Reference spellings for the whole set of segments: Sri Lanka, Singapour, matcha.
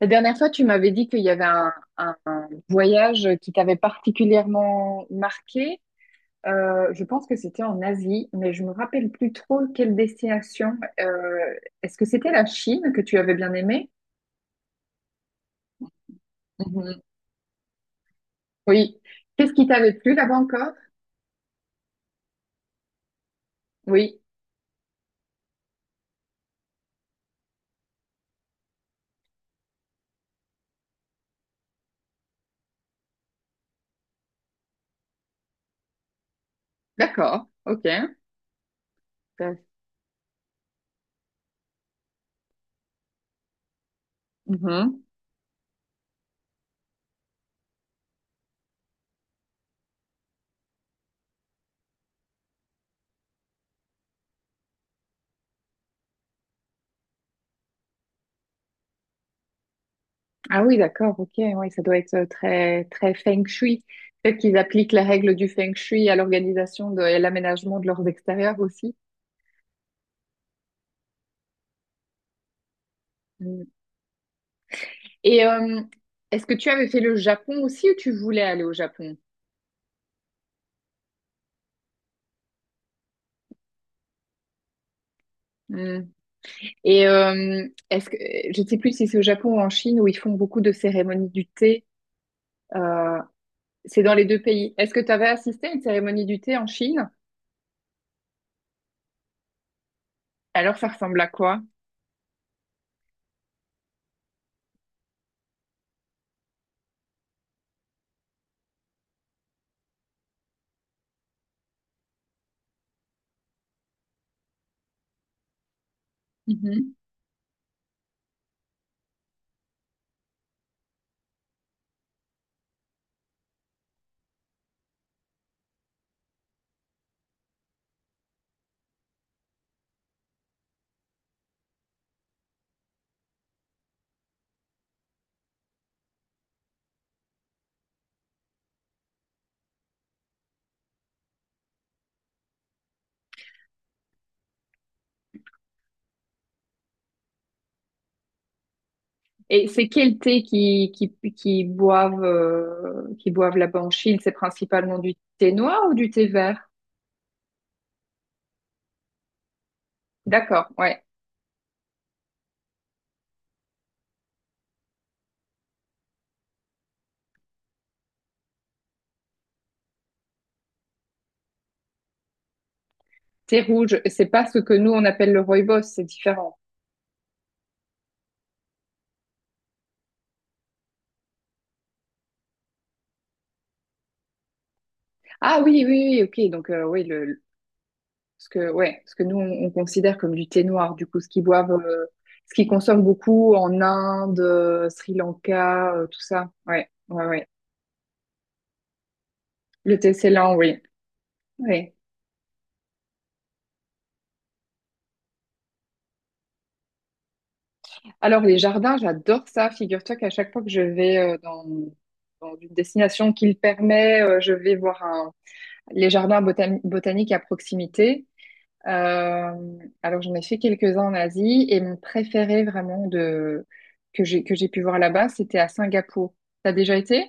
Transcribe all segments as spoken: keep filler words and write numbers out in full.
La dernière fois, tu m'avais dit qu'il y avait un, un voyage qui t'avait particulièrement marqué. Euh, je pense que c'était en Asie, mais je me rappelle plus trop quelle destination. Euh, Est-ce que c'était la Chine que tu avais bien aimé? Mhm. Oui. Qu'est-ce qui t'avait plu là-bas encore? Oui. D'accord. Ok. Ça- Mhm. Ah oui, d'accord. Ok. Oui, ça doit être très très feng shui. Peut-être qu'ils appliquent les règles du feng shui à l'organisation de- et à l'aménagement de leurs extérieurs aussi. Et euh, est-ce que tu avais fait le Japon aussi ou tu voulais aller au Japon? Hmm. Et euh, est-ce que je ne sais plus si c'est au Japon ou en Chine où ils font beaucoup de cérémonies du thé. euh, c'est dans les deux pays. Est-ce que tu avais assisté à une cérémonie du thé en Chine? Alors ça ressemble à quoi? Mhm. Et c'est quel thé qui, qui, qui boivent, euh, qui boivent là-bas en Chine? C'est principalement du thé noir ou du thé vert? D'accord, ouais. Thé rouge, c'est pas ce que nous on appelle le rooibos, c'est différent. Ah oui, oui, oui, ok. Donc euh, oui, le, ce que, ouais, ce que nous, on, on considère comme du thé noir, du coup, ce qu'ils boivent, euh, ce qu'ils consomment beaucoup en Inde, euh, Sri Lanka, euh, tout ça. Ouais, ouais, ouais. Le thé Ceylan, oui. Oui. Alors, les jardins, j'adore ça. Figure-toi qu'à chaque fois que je vais euh, dans, dans une destination qui le permet, euh, je vais voir un- les jardins botani- botaniques à proximité. Euh, alors, j'en ai fait quelques-uns en Asie et mon préféré vraiment de, que j'ai, que j'ai pu voir là-bas, c'était à Singapour. T'as déjà été?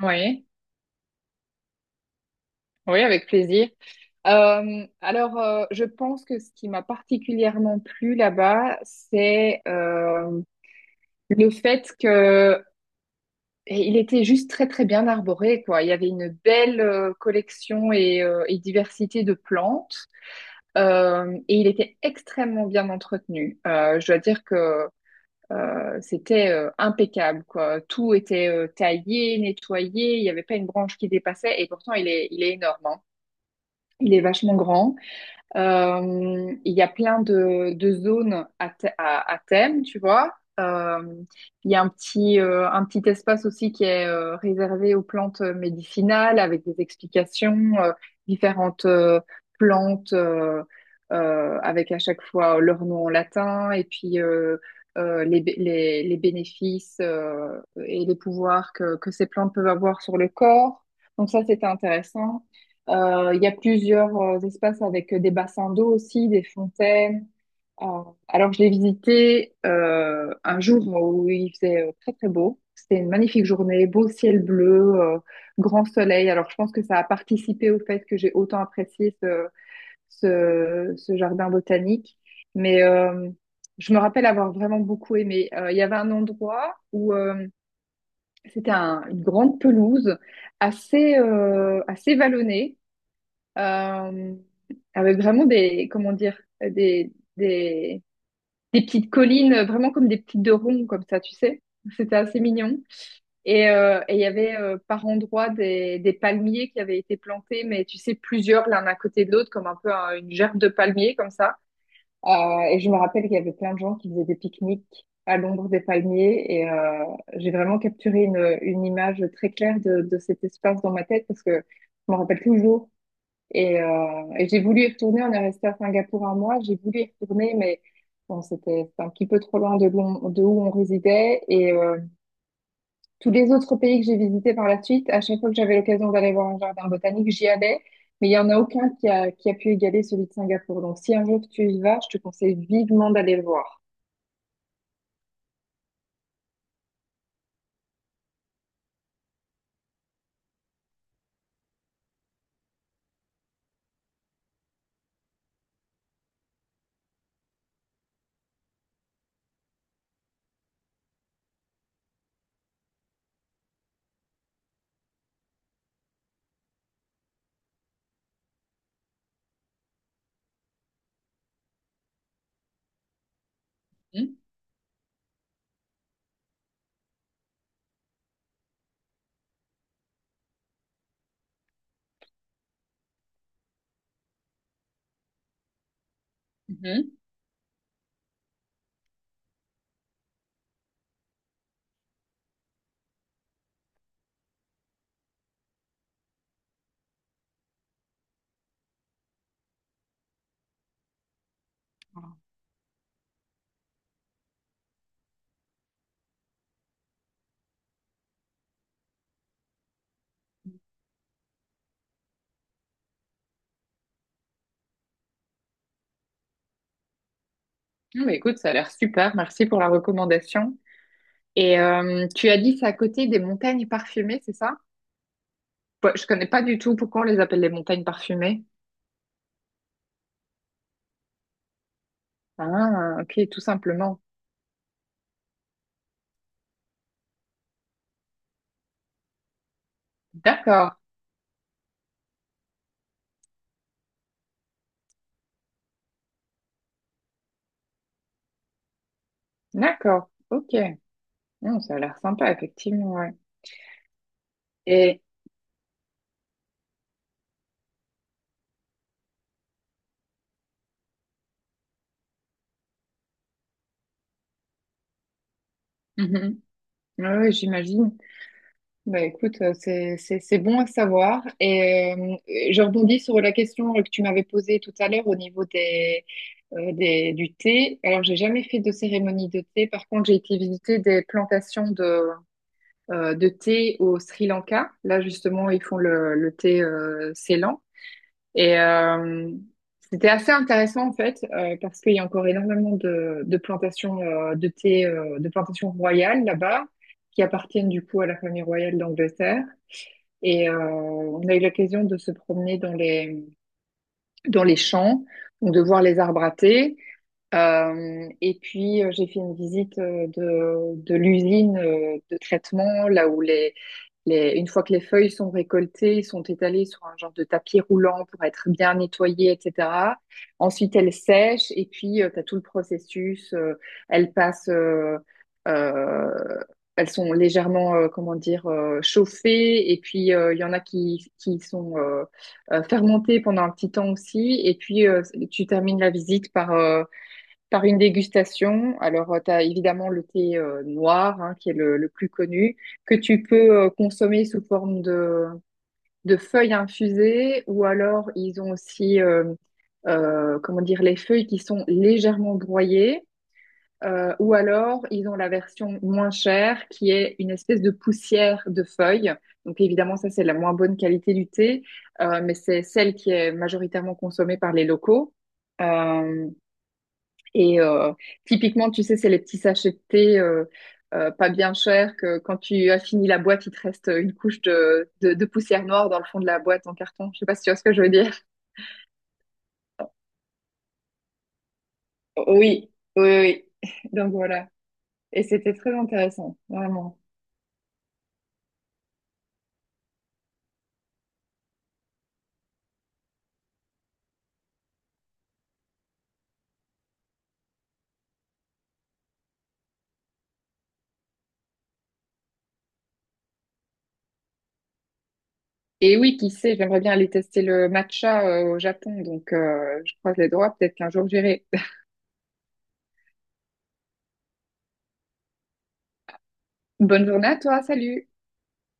Oui, oui, avec plaisir. Euh, alors, euh, je pense que ce qui m'a particulièrement plu là-bas, c'est euh, le fait que et il était juste très très bien arboré, quoi. Il y avait une belle euh, collection et, euh, et diversité de plantes, euh, et il était extrêmement bien entretenu. Euh, je dois dire que euh, c'était euh, impeccable, quoi. Tout était euh, taillé, nettoyé. Il n'y avait pas une branche qui dépassait, et pourtant il est il est énorme, hein. Il est vachement grand. Euh, il y a plein de, de zones à, th- à, à thème, tu vois. Euh, il y a un petit, euh, un petit espace aussi qui est euh, réservé aux plantes euh, médicinales avec des explications, euh, différentes euh, plantes euh, euh, avec à chaque fois leur nom en latin et puis euh, euh, les, bé- les, les bénéfices euh, et les pouvoirs que, que ces plantes peuvent avoir sur le corps. Donc ça, c'était intéressant. Euh, il y a plusieurs euh, espaces avec euh, des bassins d'eau aussi, des fontaines. Euh, alors, je l'ai visité euh, un jour où il faisait euh, très très beau. C'était une magnifique journée, beau ciel bleu, euh, grand soleil. Alors, je pense que ça a participé au fait que j'ai autant apprécié ce, ce, ce jardin botanique. Mais euh, je me rappelle avoir vraiment beaucoup aimé. Euh, il y avait un endroit où euh, c'était un- une grande pelouse assez, euh, assez vallonnée euh, avec vraiment des, comment dire, des, des, des petites collines, euh, vraiment comme des petites de ronds, comme ça, tu sais. C'était assez mignon. Et euh, et il y avait euh, par endroits des, des palmiers qui avaient été plantés, mais tu sais, plusieurs l'un à côté de l'autre, comme un peu un- une gerbe de palmiers, comme ça. Euh, et je me rappelle qu'il y avait plein de gens qui faisaient des pique-niques à l'ombre des palmiers. Et euh, j'ai vraiment capturé une, une image très claire de, de cet espace dans ma tête parce que je me rappelle toujours et, euh, et j'ai voulu y retourner. On est resté à Singapour un mois. J'ai voulu y retourner, mais bon, c'était c'était un petit peu trop loin de où on, de où on résidait. Et euh, tous les autres pays que j'ai visités par la suite, à chaque fois que j'avais l'occasion d'aller voir un jardin botanique, j'y allais. Mais il y en a aucun qui a, qui a pu égaler celui de Singapour. Donc, si un jour tu y vas, je te conseille vivement d'aller le voir. Mhm, mhm. Ah, bah, écoute, ça a l'air super. Merci pour la recommandation. Et euh, tu as dit c'est à côté des montagnes parfumées, c'est ça? Bah, je connais pas du tout pourquoi on les appelle les montagnes parfumées. Ah, ok, tout simplement. D'accord, d'accord, ok. Non, ça a l'air sympa, effectivement, ouais. Et, mhm, ouais, ouais, j'imagine. Bah écoute, euh, c'est, c'est, c'est bon à savoir. Et euh, je rebondis sur la question que tu m'avais posée tout à l'heure au niveau des, euh, des, du thé. Alors, j'ai jamais fait de cérémonie de thé. Par contre, j'ai été visiter des plantations de, euh, de thé au Sri Lanka. Là, justement, ils font le, le thé euh, Ceylan. Et euh, c'était assez intéressant en fait, euh, parce qu'il y a encore énormément de, de plantations euh, de thé, euh, de plantations royales là-bas, qui appartiennent du coup à la famille royale d'Angleterre. Et euh, on a eu l'occasion de se promener dans les, dans les champs, donc de voir les arbres à thé. Euh, et puis euh, j'ai fait une visite euh, de, de l'usine euh, de traitement, là où les, les- une fois que les feuilles sont récoltées, sont étalées sur un genre de tapis roulant pour être bien nettoyées, et cetera. Ensuite, elles sèchent et puis tu as tout le processus. Euh, elles passent, euh, euh, elles sont légèrement, euh, comment dire, euh, chauffées et puis euh, il y en a qui, qui sont euh, euh, fermentées pendant un petit temps aussi. Et puis euh, tu termines la visite par euh, par une dégustation, alors tu as évidemment le thé euh, noir hein, qui est le, le plus connu, que tu peux euh, consommer sous forme de, de feuilles infusées ou alors ils ont aussi euh, euh, comment dire, les feuilles qui sont légèrement broyées euh, ou alors ils ont la version moins chère qui est une espèce de poussière de feuilles. Donc évidemment ça c'est la moins bonne qualité du thé, euh, mais c'est celle qui est majoritairement consommée par les locaux. Euh, et euh, typiquement, tu sais, c'est les petits sachets de thé euh, euh, pas bien chers que quand tu as fini la boîte, il te reste une couche de, de, de poussière noire dans le fond de la boîte en carton. Je sais pas si tu vois ce que je veux dire. Oui, oui, oui. Donc voilà. Et c'était très intéressant, vraiment. Et oui, qui sait, j'aimerais bien aller tester le matcha euh, au Japon. Donc, euh, je croise les doigts, peut-être qu'un jour j'irai. Bonne journée à toi, salut!